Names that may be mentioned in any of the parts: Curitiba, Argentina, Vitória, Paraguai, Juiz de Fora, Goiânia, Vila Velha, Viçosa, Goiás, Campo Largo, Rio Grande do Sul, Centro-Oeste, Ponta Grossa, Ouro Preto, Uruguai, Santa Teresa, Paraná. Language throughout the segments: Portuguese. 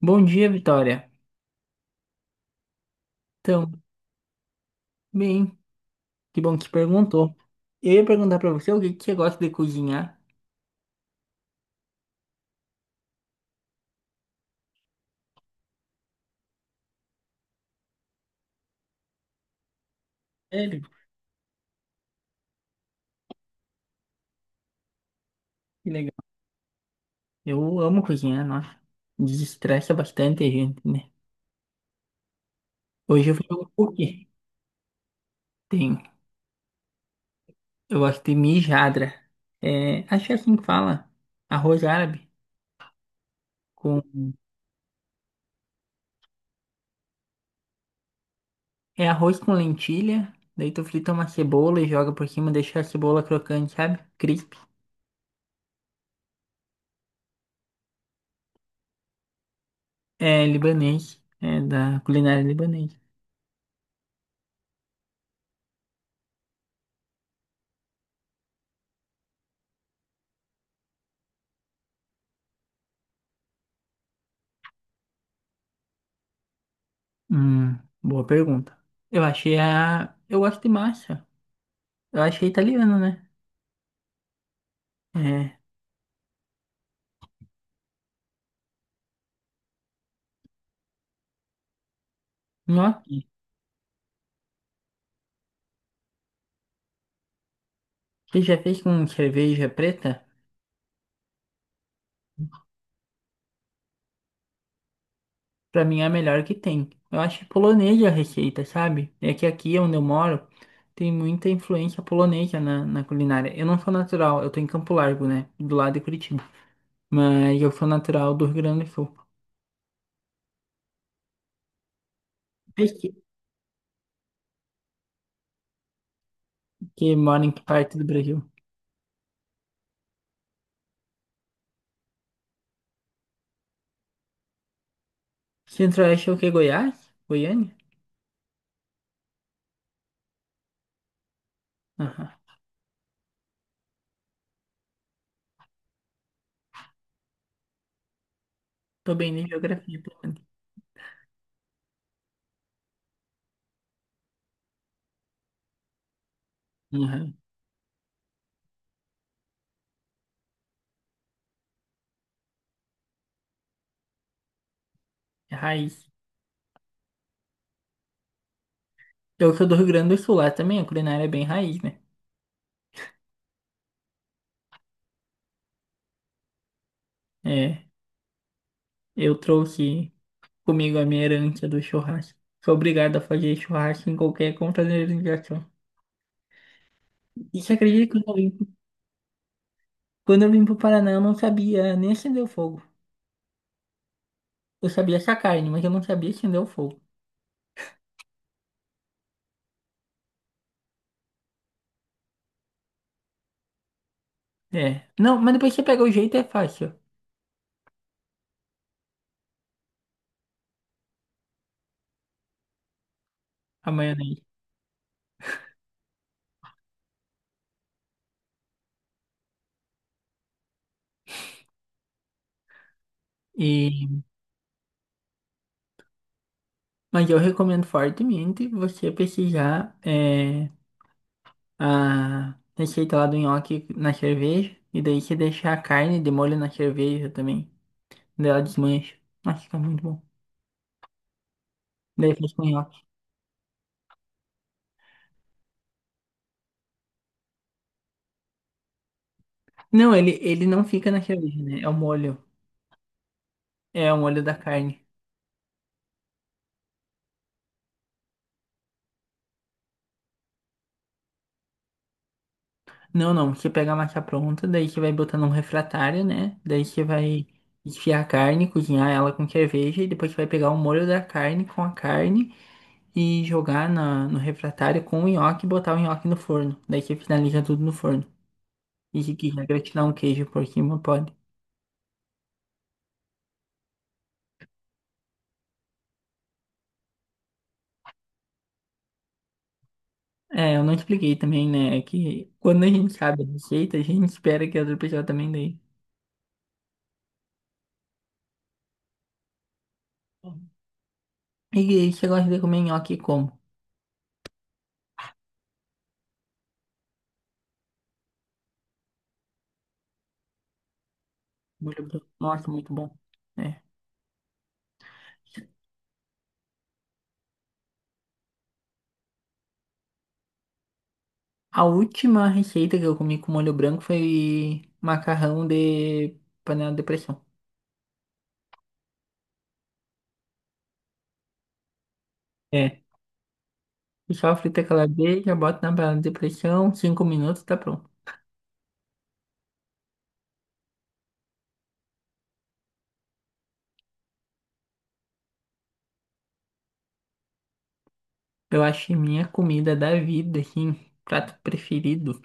Bom dia, Vitória. Então, bem, que bom que perguntou. Eu ia perguntar pra você o que que você gosta de cozinhar. Sério? Que legal. Eu amo cozinhar, nossa. Desestressa bastante a gente, né? Hoje eu fiz um cookie. Tem. Eu gosto de mijadra. É, acho que é assim que fala. Arroz árabe. Com... É arroz com lentilha. Daí tu frita uma cebola e joga por cima, deixa a cebola crocante, sabe? Crisp. É libanês. É da culinária libanesa. Hum, boa pergunta. Eu achei a. Eu gosto de massa. Eu achei italiano, né? É. Gnocchi, que já fez com cerveja preta, pra mim é a melhor que tem. Eu acho polonesa é a receita, sabe? É que aqui onde eu moro tem muita influência polonesa na culinária. Eu não sou natural, eu tô em Campo Largo, né? Do lado de Curitiba. Mas eu sou natural do Rio Grande do Sul. Vocês que mora em que parte do Brasil? Centro-Oeste é o que? Goiás? Goiânia? Aham. Tô bem de geografia, pelo menos. Aham. É raiz. Eu sou do Rio Grande do Sul, lá também a culinária é bem raiz, né? É, eu trouxe comigo a minha herança do churrasco. Sou obrigado a fazer churrasco em qualquer confraternização. E você acredita que quando eu vim pro Paraná eu não sabia nem acender o fogo. Eu sabia essa carne, mas eu não sabia acender o fogo. É. Não, mas depois você pega o jeito é fácil, a maionese. E, mas eu recomendo fortemente você pesquisar. A receita lá do nhoque na cerveja. E daí você deixa a carne de molho na cerveja também. Daí ela desmancha. Nossa, fica muito bom. Daí faz com nhoque. Não, ele não fica na cerveja, né? É o molho. É o molho da carne. Não, não. Você pega a massa pronta, daí você vai botar num refratário, né? Daí você vai desfiar a carne, cozinhar ela com cerveja. E depois você vai pegar o molho da carne com a carne e jogar no refratário com o nhoque e botar o nhoque no forno. Daí você finaliza tudo no forno. E de que regra tirar um queijo por cima pode. É, eu não expliquei também, né? É que quando a gente sabe a receita, a gente espera que a outra pessoa também dê. E você gosta de comer nhoque como? Molho branco. Nossa, muito bom. É. A última receita que eu comi com molho branco foi macarrão de panela de pressão. É. E só frita calabresa, bota na panela de pressão, cinco minutos, tá pronto. Eu acho que minha comida da vida, assim, prato preferido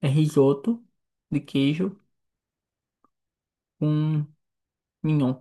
é risoto de queijo com mignon.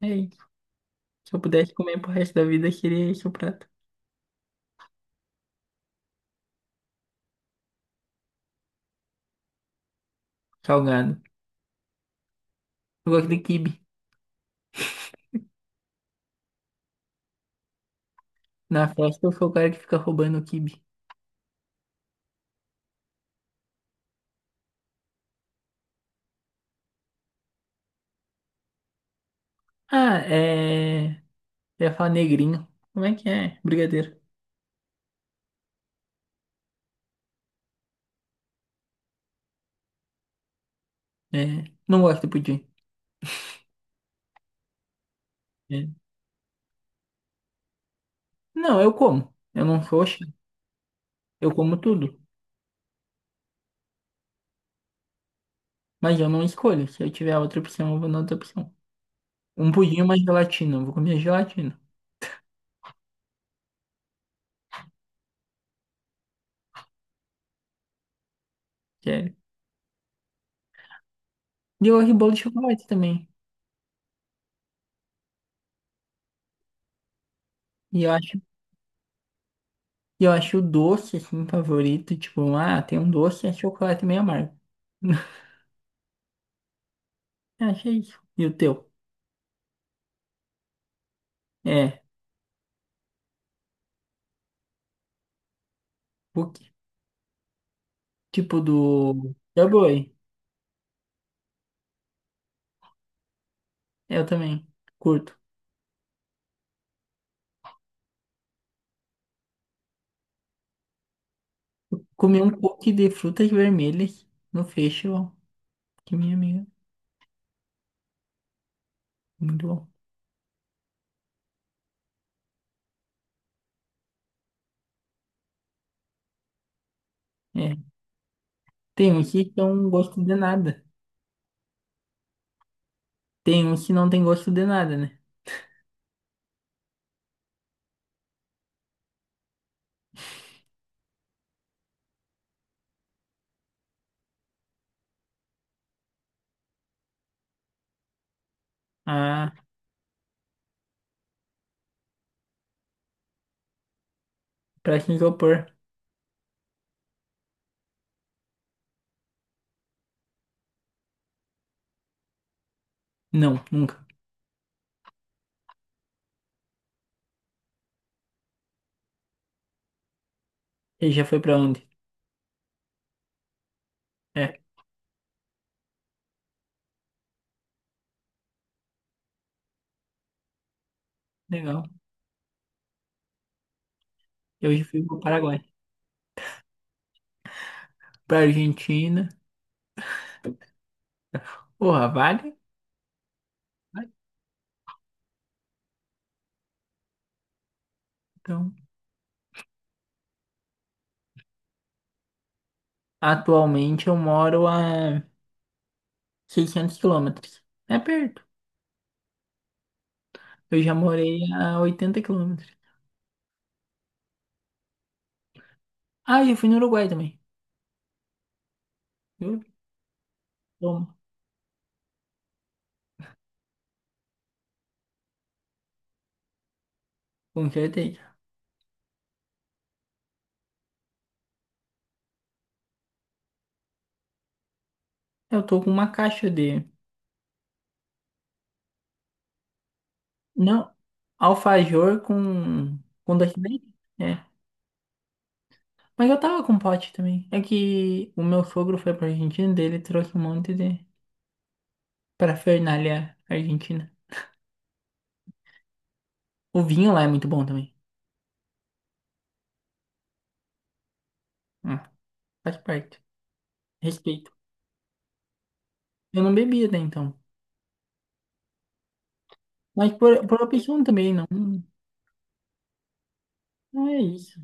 É isso. Se eu pudesse comer pro resto da vida, seria esse o prato. Salgado. Eu gosto de quibe. Na festa eu sou o cara que fica roubando o quibe. Ah, é. Eu ia falar negrinho. Como é que é? Brigadeiro. É. Não gosto de pudim. É. Não, eu como. Eu não sou chato. Eu como tudo. Mas eu não escolho. Se eu tiver outra opção, eu vou na outra opção. Um pudim mais gelatina. Eu vou comer gelatina. Sério. E eu gosto de bolo de chocolate também. E eu acho E eu acho o doce, assim, favorito. Tipo, um, ah, tem um doce, e é chocolate meio amargo. Eu achei isso. E o teu? É, cookie. Tipo do... Eu também. Curto. Comi um cookie de frutas vermelhas no festival. Que minha amiga. Muito bom. É. Tem uns que não gosto de nada. Tem uns que não tem gosto de nada, né? Ah, pra se isopor. Não, nunca. Ele já foi pra onde? É, legal. Eu já fui pro Paraguai. Pra Argentina. Porra, vale? Então, atualmente eu moro a 600 quilômetros. É perto. Eu já morei a 80 quilômetros. Ah, eu fui no Uruguai também. Eu tomo, com certeza. Eu tô com uma caixa de... Não, alfajor com docinete. É. Mas eu tava com pote também. É que o meu sogro foi pra Argentina, dele trouxe um monte de parafernália argentina. O vinho lá é muito bom também. Hum, faz parte. Respeito. Eu não bebia até então. Mas por opção também, não. Não é isso.